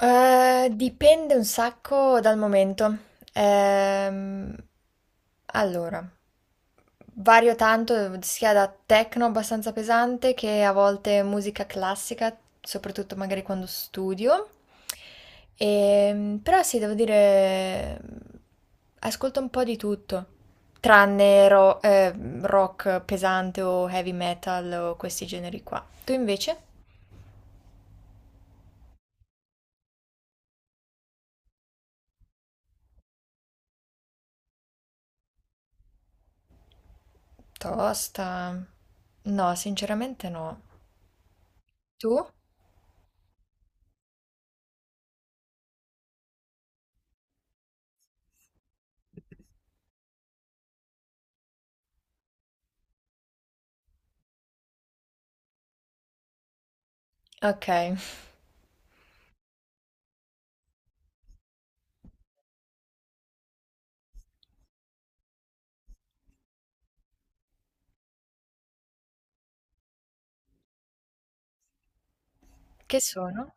Dipende un sacco dal momento. Ehm, allora, Vario tanto sia da techno abbastanza pesante che a volte musica classica, soprattutto magari quando studio. Però sì, devo dire, ascolto un po' di tutto, tranne rock pesante o heavy metal o questi generi qua. Tu invece? Tosta. No, sinceramente no. Tu? Okay. Che sono?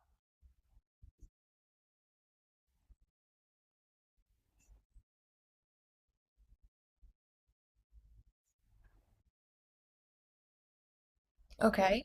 Okay,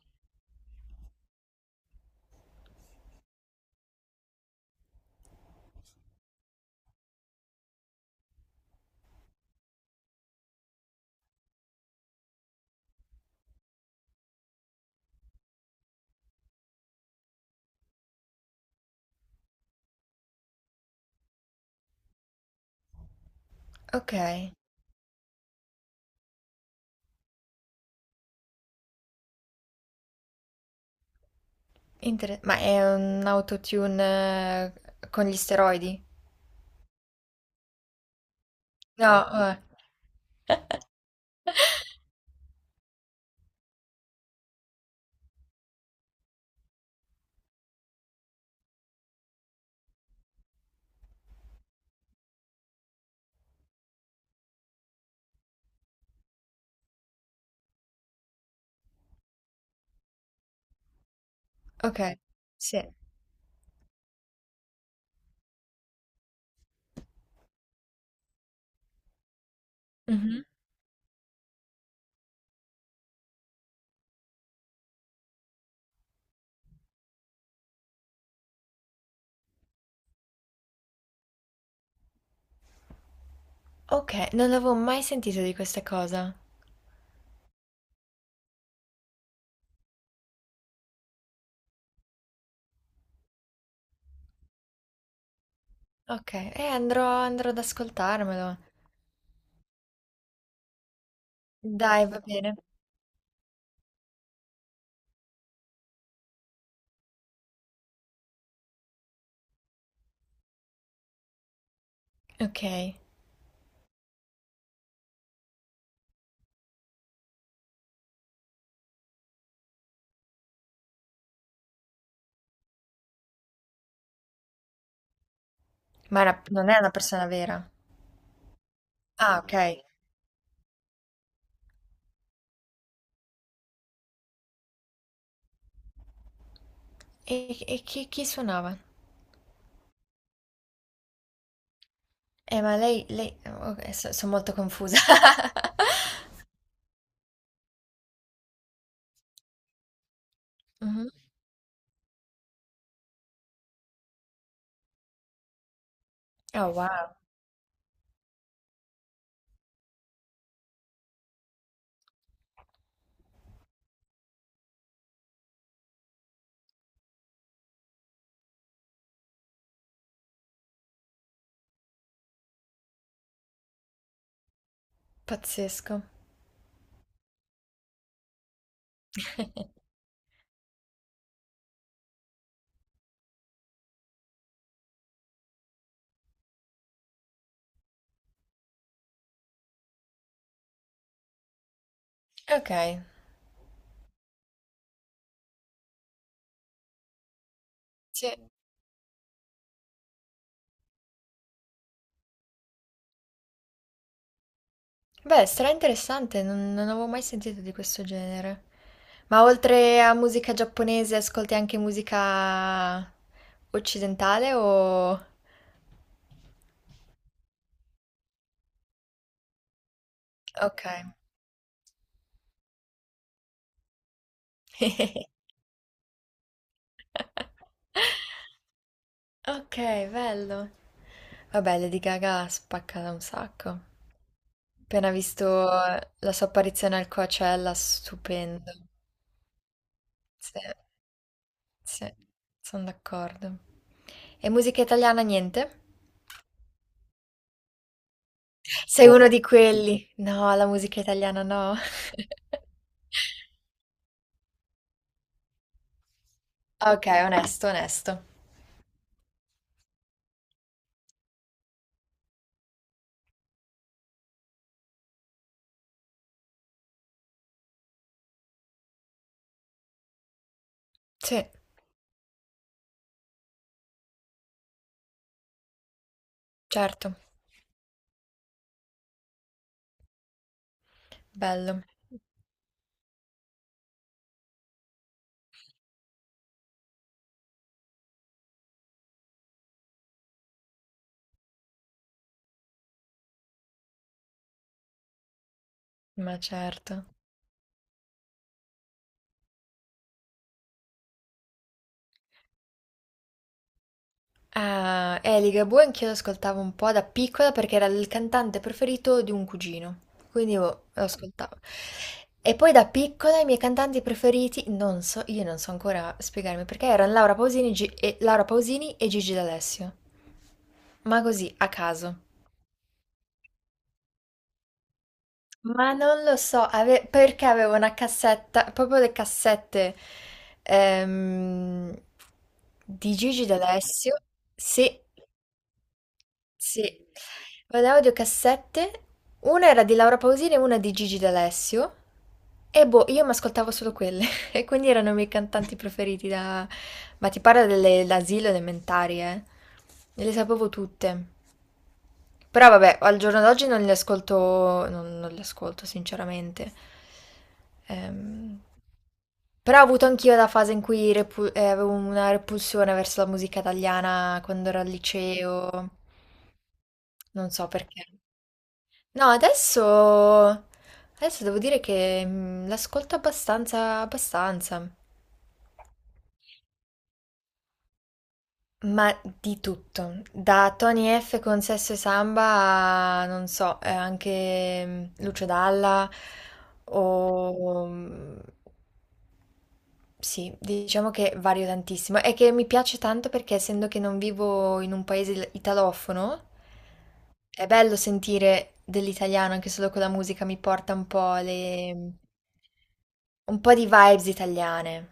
okay. Intere ma è un autotune con gli steroidi? No, eh. Okay, sì. Mh-mh. Okay, non avevo mai sentito di questa cosa. Okay, andrò ad ascoltarmelo. Dai, va bene. Okay. Ma era non è una persona vera? Ah, okay. E chi suonava? Ma lei lei o okay, so son molto confusa. Mh-mh. Oh, wow. Pazzesco. Ok, sì. Beh, sarà interessante, non, non avevo mai sentito di questo genere. Ma oltre a musica giapponese, ascolti anche musica occidentale o... Ok. Ok, bello. Vabbè, Lady Gaga spacca da un sacco. Appena visto la sua apparizione al Coachella, stupendo. Sì, sì, sono d'accordo. E musica italiana, niente? Sei uno di quelli. No, la musica italiana no. Ok, onesto, onesto. Sì, certo. Bello. Ma certo. Ah, Ligabue anch'io l'ascoltavo un po' da piccola perché era il cantante preferito di un cugino. Quindi io lo ascoltavo. E poi da piccola i miei cantanti preferiti, non so, io non so ancora spiegarmi perché erano Laura Pausini, Laura Pausini e Gigi D'Alessio. Ma così, a caso. Ma non lo so, perché avevo una cassetta, proprio le cassette ehm, di Gigi D'Alessio. Sì, sì. Guardavo due cassette, una era di Laura Pausini e una di Gigi D'Alessio. E boh, io mi ascoltavo solo quelle, e quindi erano i miei cantanti preferiti da... Ma ti parlo dell'asilo elementari, eh? E le sapevo tutte. Però vabbè, al giorno d'oggi non li ascolto, non, non li ascolto sinceramente. Ehm, Però ho avuto anch'io la fase in cui avevo una repulsione verso la musica italiana quando ero al liceo, non so perché. No, adesso, adesso devo dire che l'ascolto abbastanza, abbastanza. Ma di tutto, da Tony F con Sesso e Samba a, non so, anche Lucio Dalla o... sì, diciamo che vario tantissimo e che mi piace tanto perché essendo che non vivo in un paese italofono, è bello sentire dell'italiano anche solo con la musica, mi porta un po' le... un po' di vibes italiane.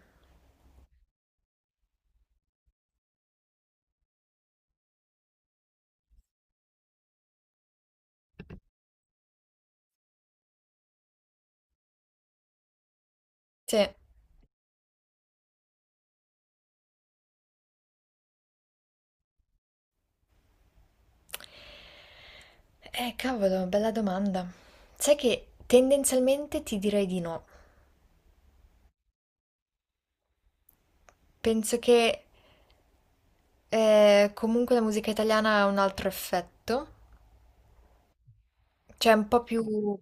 Sì. Cavolo, bella domanda. Sai che tendenzialmente ti direi di no. Penso che comunque la musica italiana ha un altro effetto, cioè un po' più...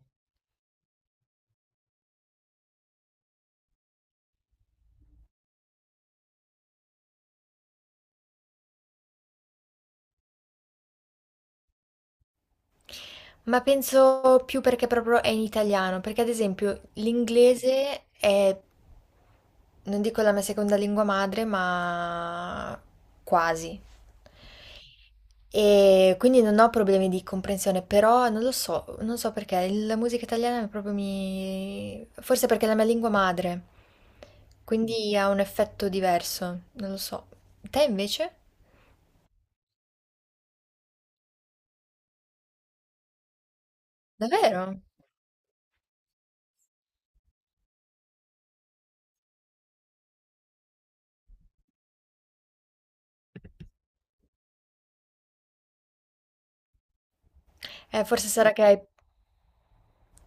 ma penso più perché proprio è in italiano, perché ad esempio l'inglese è, non dico la mia seconda lingua madre, ma quasi. E quindi non ho problemi di comprensione, però non lo so, non so perché, la musica italiana è proprio mi... forse perché è la mia lingua madre, quindi ha un effetto diverso, non lo so. Te invece? Davvero? Forse sarà che hai...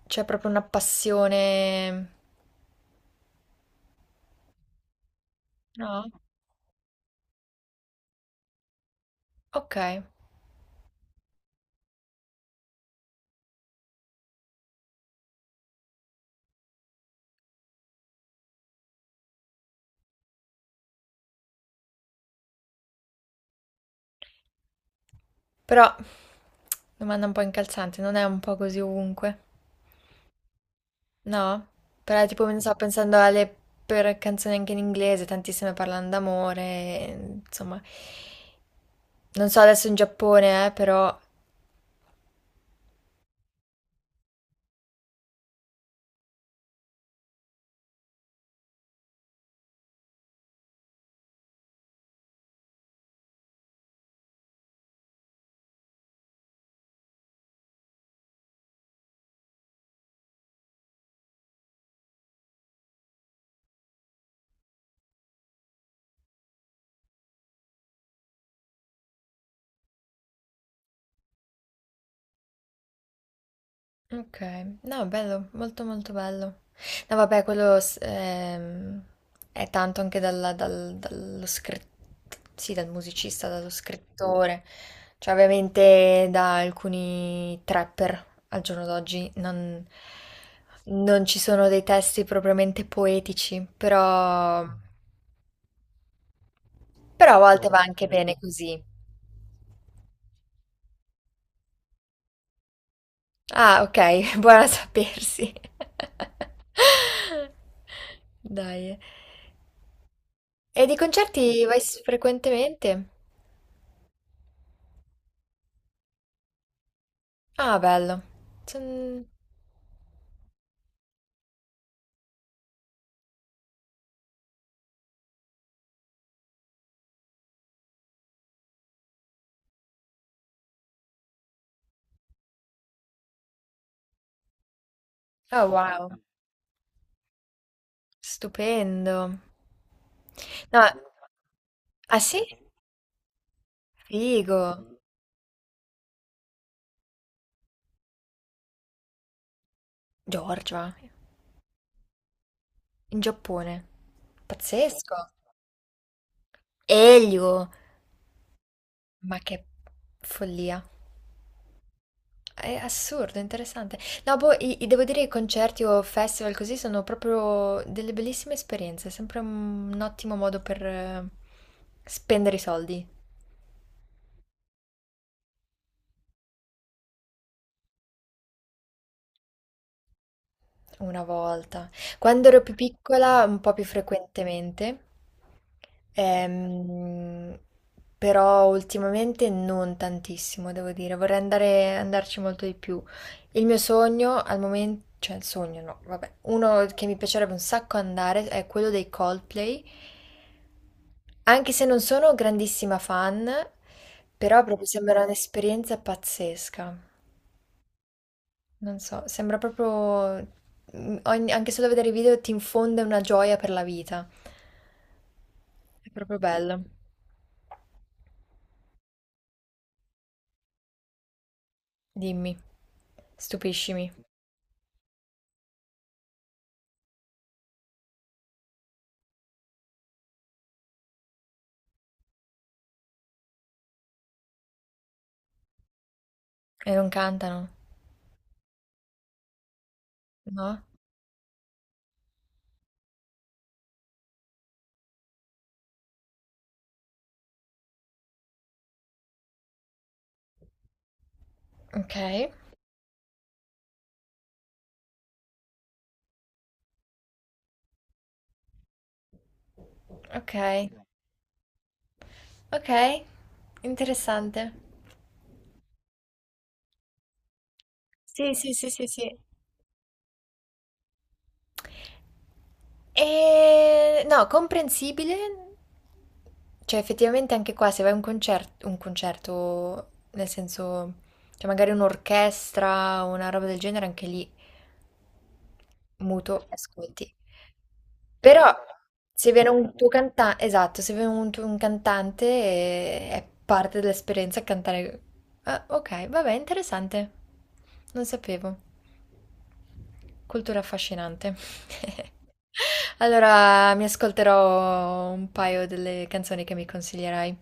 c'è proprio una passione... No? Ok, però domanda un po' incalzante, non è un po' così ovunque? No, però tipo non so, pensando alle per canzoni anche in inglese, tantissime parlano d'amore, e, insomma. Non so adesso in Giappone, però... Ok, no, bello, molto molto bello. No, vabbè, è tanto anche dallo scritto, sì, dal musicista, dallo scrittore. Cioè, ovviamente da alcuni trapper al giorno d'oggi non, non ci sono dei testi propriamente poetici, però, però a volte va anche bene così. Ah, ok, buona a sapersi. Dai. E di concerti vai frequentemente? Ah, bello. Sen- Oh, wow. Stupendo. No, ah sì? Figo. Georgia, in Giappone. Pazzesco. Elio. Ma che follia. È assurdo, interessante. No, boh, devo dire che concerti o festival così sono proprio delle bellissime esperienze, è sempre un ottimo modo per spendere i soldi. Una volta. Quando ero più piccola, un po' più frequentemente. Ehm, Però ultimamente non tantissimo, devo dire, vorrei andare, andarci molto di più. Il mio sogno al momento, cioè il sogno no, vabbè, uno che mi piacerebbe un sacco andare è quello dei Coldplay, anche se non sono grandissima fan, però proprio sembra un'esperienza pazzesca. Non so, sembra proprio, anche solo vedere i video ti infonde una gioia per la vita. È proprio bello. Dimmi, stupiscimi. E non cantano? No? Ok, ok, ok, interessante. Sì, sì, sì, sì, sì. E... No, comprensibile. Cioè, effettivamente anche qua, se vai a un concerto, nel senso, cioè magari un'orchestra o una roba del genere, anche lì muto, ascolti. Però se viene un tuo cantante, esatto, se viene un tuo un cantante è parte dell'esperienza cantare. Ah, ok, vabbè, interessante. Non sapevo. Cultura affascinante. Allora mi ascolterò un paio delle canzoni che mi consiglierai.